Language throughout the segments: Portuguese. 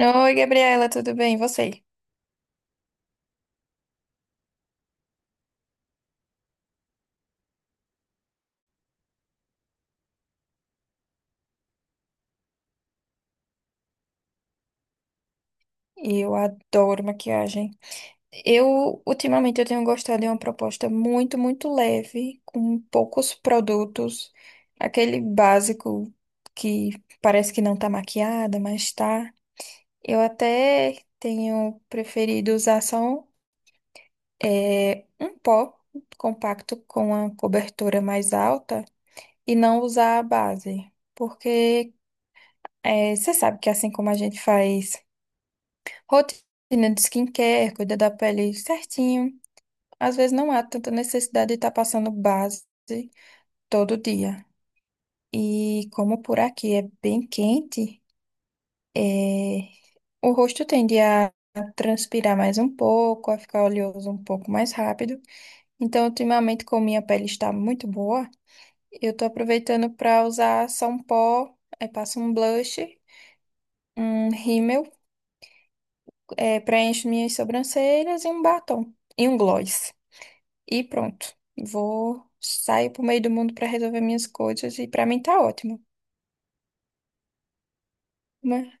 Oi, Gabriela, tudo bem? E você? Eu adoro maquiagem. Ultimamente, eu tenho gostado de uma proposta muito, muito leve, com poucos produtos. Aquele básico que parece que não tá maquiada, mas tá. Eu até tenho preferido usar só um pó compacto com a cobertura mais alta e não usar a base. Porque você sabe que assim como a gente faz. Rotina de skincare, cuida da pele certinho. Às vezes não há tanta necessidade de estar passando base todo dia. E como por aqui é bem quente, é, o rosto tende a transpirar mais um pouco, a ficar oleoso um pouco mais rápido. Então, ultimamente, como minha pele está muito boa, eu estou aproveitando para usar só um pó, aí passo um blush, um rímel, preencho minhas sobrancelhas e um batom. E um gloss. E pronto. Vou sair pro meio do mundo para resolver minhas coisas e para mim tá ótimo, né?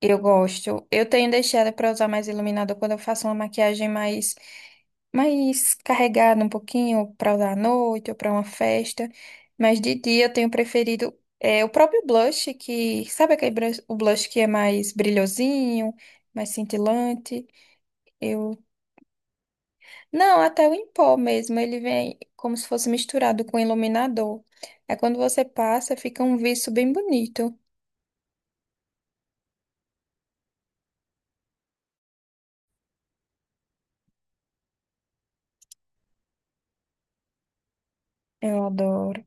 Eu gosto. Eu tenho deixado para usar mais iluminador quando eu faço uma maquiagem mais mais carregada um pouquinho para usar à noite ou para uma festa, mas de dia eu tenho preferido o próprio blush que, sabe o blush que é mais brilhosinho, mais cintilante? Eu Não, até o em pó mesmo, ele vem como se fosse misturado com iluminador. Aí quando você passa, fica um viço bem bonito. Eu adoro.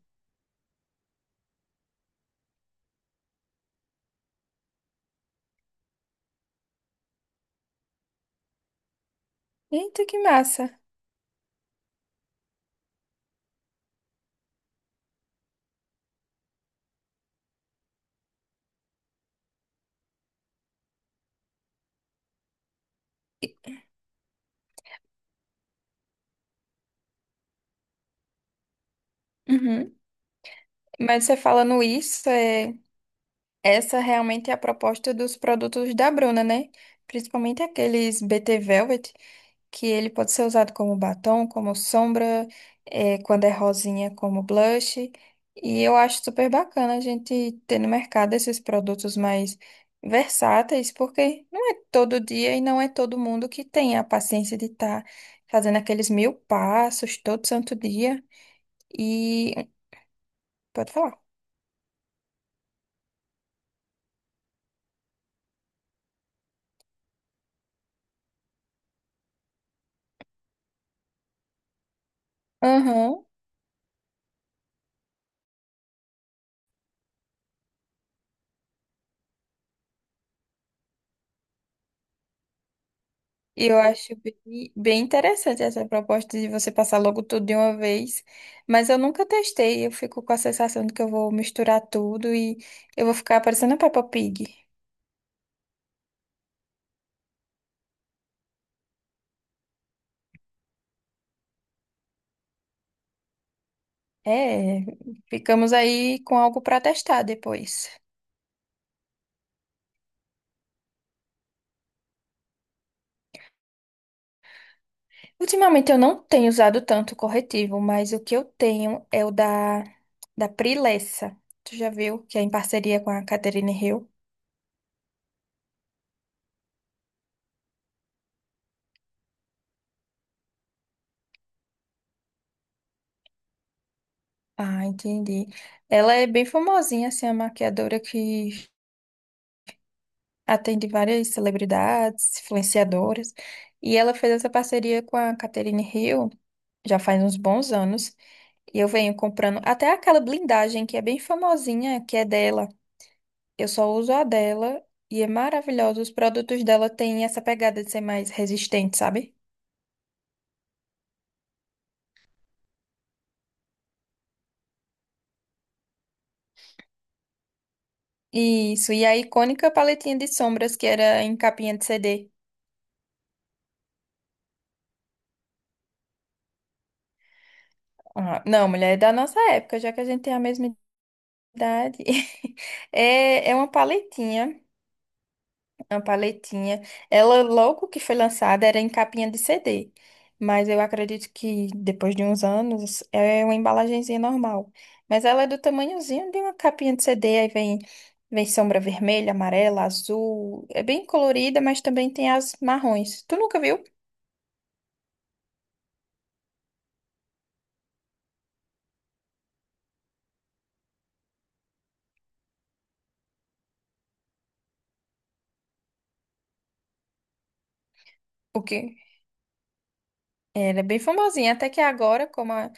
Eita, que massa! Uhum. Mas você falando isso, essa realmente é a proposta dos produtos da Bruna, né? Principalmente aqueles BT Velvet, que ele pode ser usado como batom, como sombra, quando é rosinha, como blush. E eu acho super bacana a gente ter no mercado esses produtos mais versáteis, porque não é todo dia e não é todo mundo que tem a paciência de estar fazendo aqueles mil passos todo santo dia. E pode falar. E eu acho bem, bem interessante essa proposta de você passar logo tudo de uma vez, mas eu nunca testei, eu fico com a sensação de que eu vou misturar tudo e eu vou ficar parecendo a Peppa Pig. É, ficamos aí com algo para testar depois. Ultimamente eu não tenho usado tanto corretivo, mas o que eu tenho é o da Prilessa. Tu já viu que é em parceria com a Catherine Hill? Ah, entendi. Ela é bem famosinha, assim, a maquiadora que atende várias celebridades, influenciadoras, e ela fez essa parceria com a Catherine Hill já faz uns bons anos, e eu venho comprando até aquela blindagem que é bem famosinha, que é dela. Eu só uso a dela e é maravilhosa. Os produtos dela têm essa pegada de ser mais resistente, sabe? Isso, e a icônica paletinha de sombras que era em capinha de CD. Ah, não, mulher, é da nossa época, já que a gente tem a mesma idade. É, é uma paletinha. Uma paletinha. Ela, logo que foi lançada, era em capinha de CD. Mas eu acredito que depois de uns anos é uma embalagenzinha normal. Mas ela é do tamanhozinho de uma capinha de CD. Aí vem, vem sombra vermelha, amarela, azul. É bem colorida, mas também tem as marrons. Tu nunca viu? O quê? Ela é bem famosinha. Até que agora,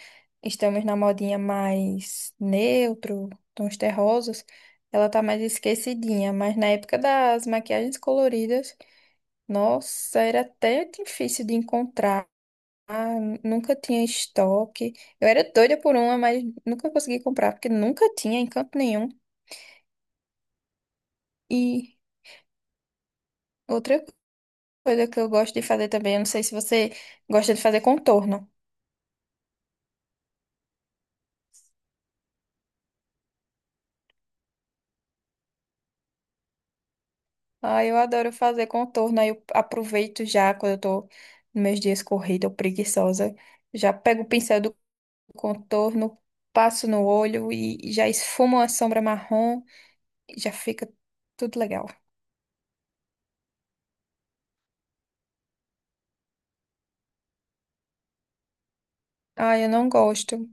estamos na modinha mais neutro, tons terrosos, ela tá mais esquecidinha. Mas na época das maquiagens coloridas. Nossa, era até difícil de encontrar, nunca tinha estoque. Eu era doida por uma, mas nunca consegui comprar, porque nunca tinha em canto nenhum. E outra coisa que eu gosto de fazer também, eu não sei se você gosta de fazer contorno. Ah, eu adoro fazer contorno, aí eu aproveito já quando eu tô nos meus dias corrida ou preguiçosa, já pego o pincel do contorno, passo no olho e já esfumo a sombra marrom e já fica tudo legal. Ah, eu não gosto.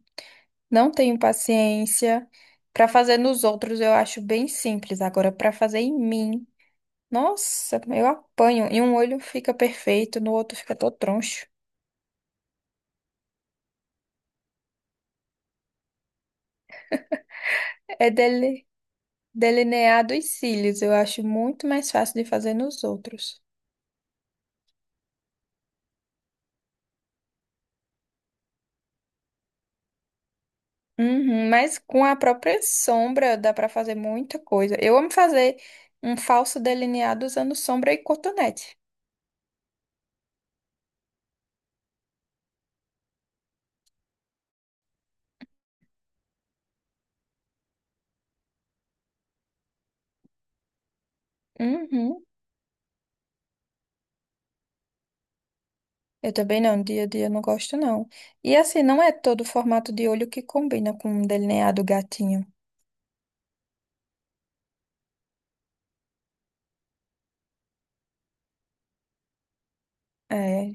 Não tenho paciência. Pra fazer nos outros eu acho bem simples. Agora, pra fazer em mim, nossa, eu apanho. Em um olho fica perfeito, no outro fica todo troncho. É dele... delineado os cílios. Eu acho muito mais fácil de fazer nos outros. Uhum, mas com a própria sombra dá pra fazer muita coisa. Eu amo fazer um falso delineado usando sombra e cotonete. Uhum. Eu também não, dia a dia eu não gosto não. E assim, não é todo formato de olho que combina com o delineado gatinho. É.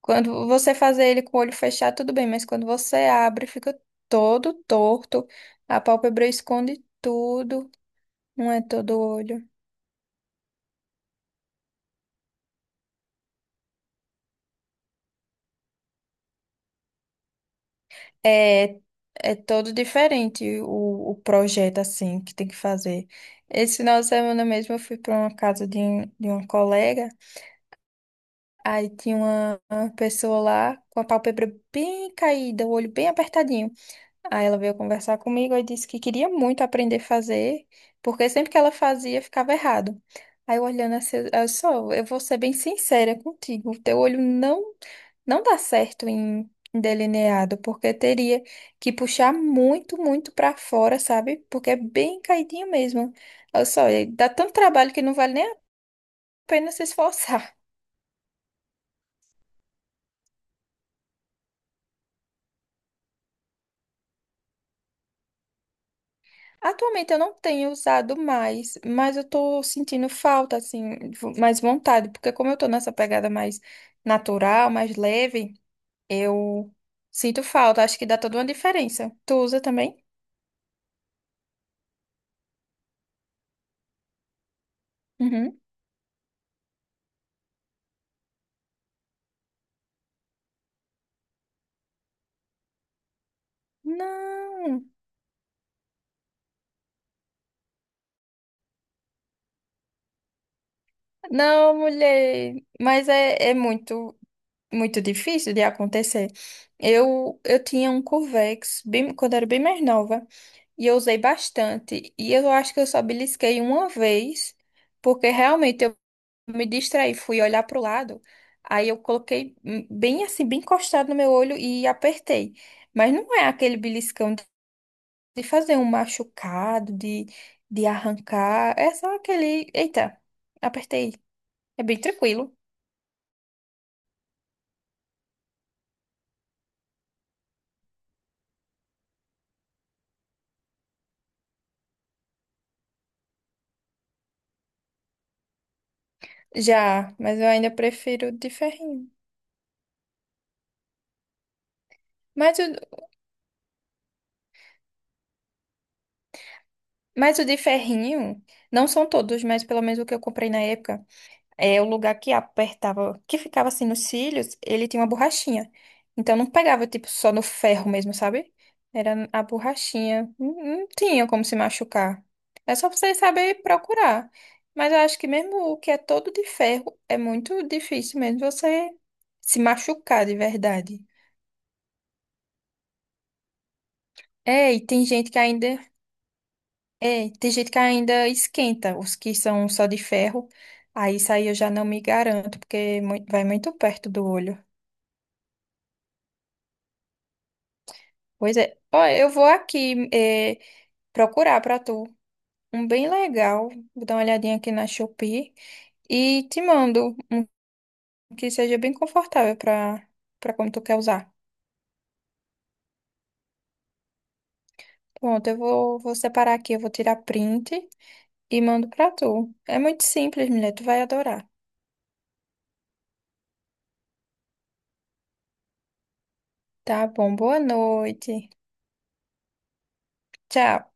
Quando você fazer ele com o olho fechado, tudo bem, mas quando você abre, fica todo torto, a pálpebra esconde tudo, não é todo olho. É, é todo diferente o projeto, assim, que tem que fazer. Esse final de semana mesmo eu fui para uma casa de uma colega. Aí tinha uma pessoa lá com a pálpebra bem caída, o olho bem apertadinho. Aí ela veio conversar comigo e disse que queria muito aprender a fazer, porque sempre que ela fazia ficava errado. Aí eu olhando assim, eu só, eu vou ser bem sincera contigo, o teu olho não dá certo em delineado, porque teria que puxar muito, muito para fora, sabe? Porque é bem caidinho mesmo. Olha só, e dá tanto trabalho que não vale nem a pena se esforçar. Atualmente eu não tenho usado mais, mas eu tô sentindo falta, assim, mais vontade, porque como eu tô nessa pegada mais natural, mais leve, eu sinto falta. Acho que dá toda uma diferença. Tu usa também? Uhum. Não, não, mulher. Mas é muito, muito difícil de acontecer. Eu tinha um Curvex bem, quando era bem mais nova e eu usei bastante. E eu acho que eu só belisquei uma vez, porque realmente eu me distraí, fui olhar pro lado, aí eu coloquei bem assim, bem encostado no meu olho e apertei. Mas não é aquele beliscão de fazer um machucado, de arrancar, é só aquele, eita, apertei. É bem tranquilo. Já, mas eu ainda prefiro o de ferrinho. Mas o, mas o de ferrinho, não são todos, mas pelo menos o que eu comprei na época. É, o lugar que apertava, que ficava assim nos cílios, ele tinha uma borrachinha. Então não pegava tipo só no ferro mesmo, sabe? Era a borrachinha. Não, não tinha como se machucar. É só você saber procurar. Mas eu acho que mesmo o que é todo de ferro, é muito difícil mesmo você se machucar de verdade. É, tem gente que ainda esquenta os que são só de ferro. Aí isso aí eu já não me garanto, porque vai muito perto do olho. Pois é. Ó, eu vou aqui procurar pra tu um bem legal. Vou dar uma olhadinha aqui na Shopee e te mando um que seja bem confortável pra para como tu quer usar. Pronto, eu vou separar aqui, eu vou tirar print e mando pra tu. É muito simples, mulher, tu vai adorar. Tá bom, boa noite. Tchau.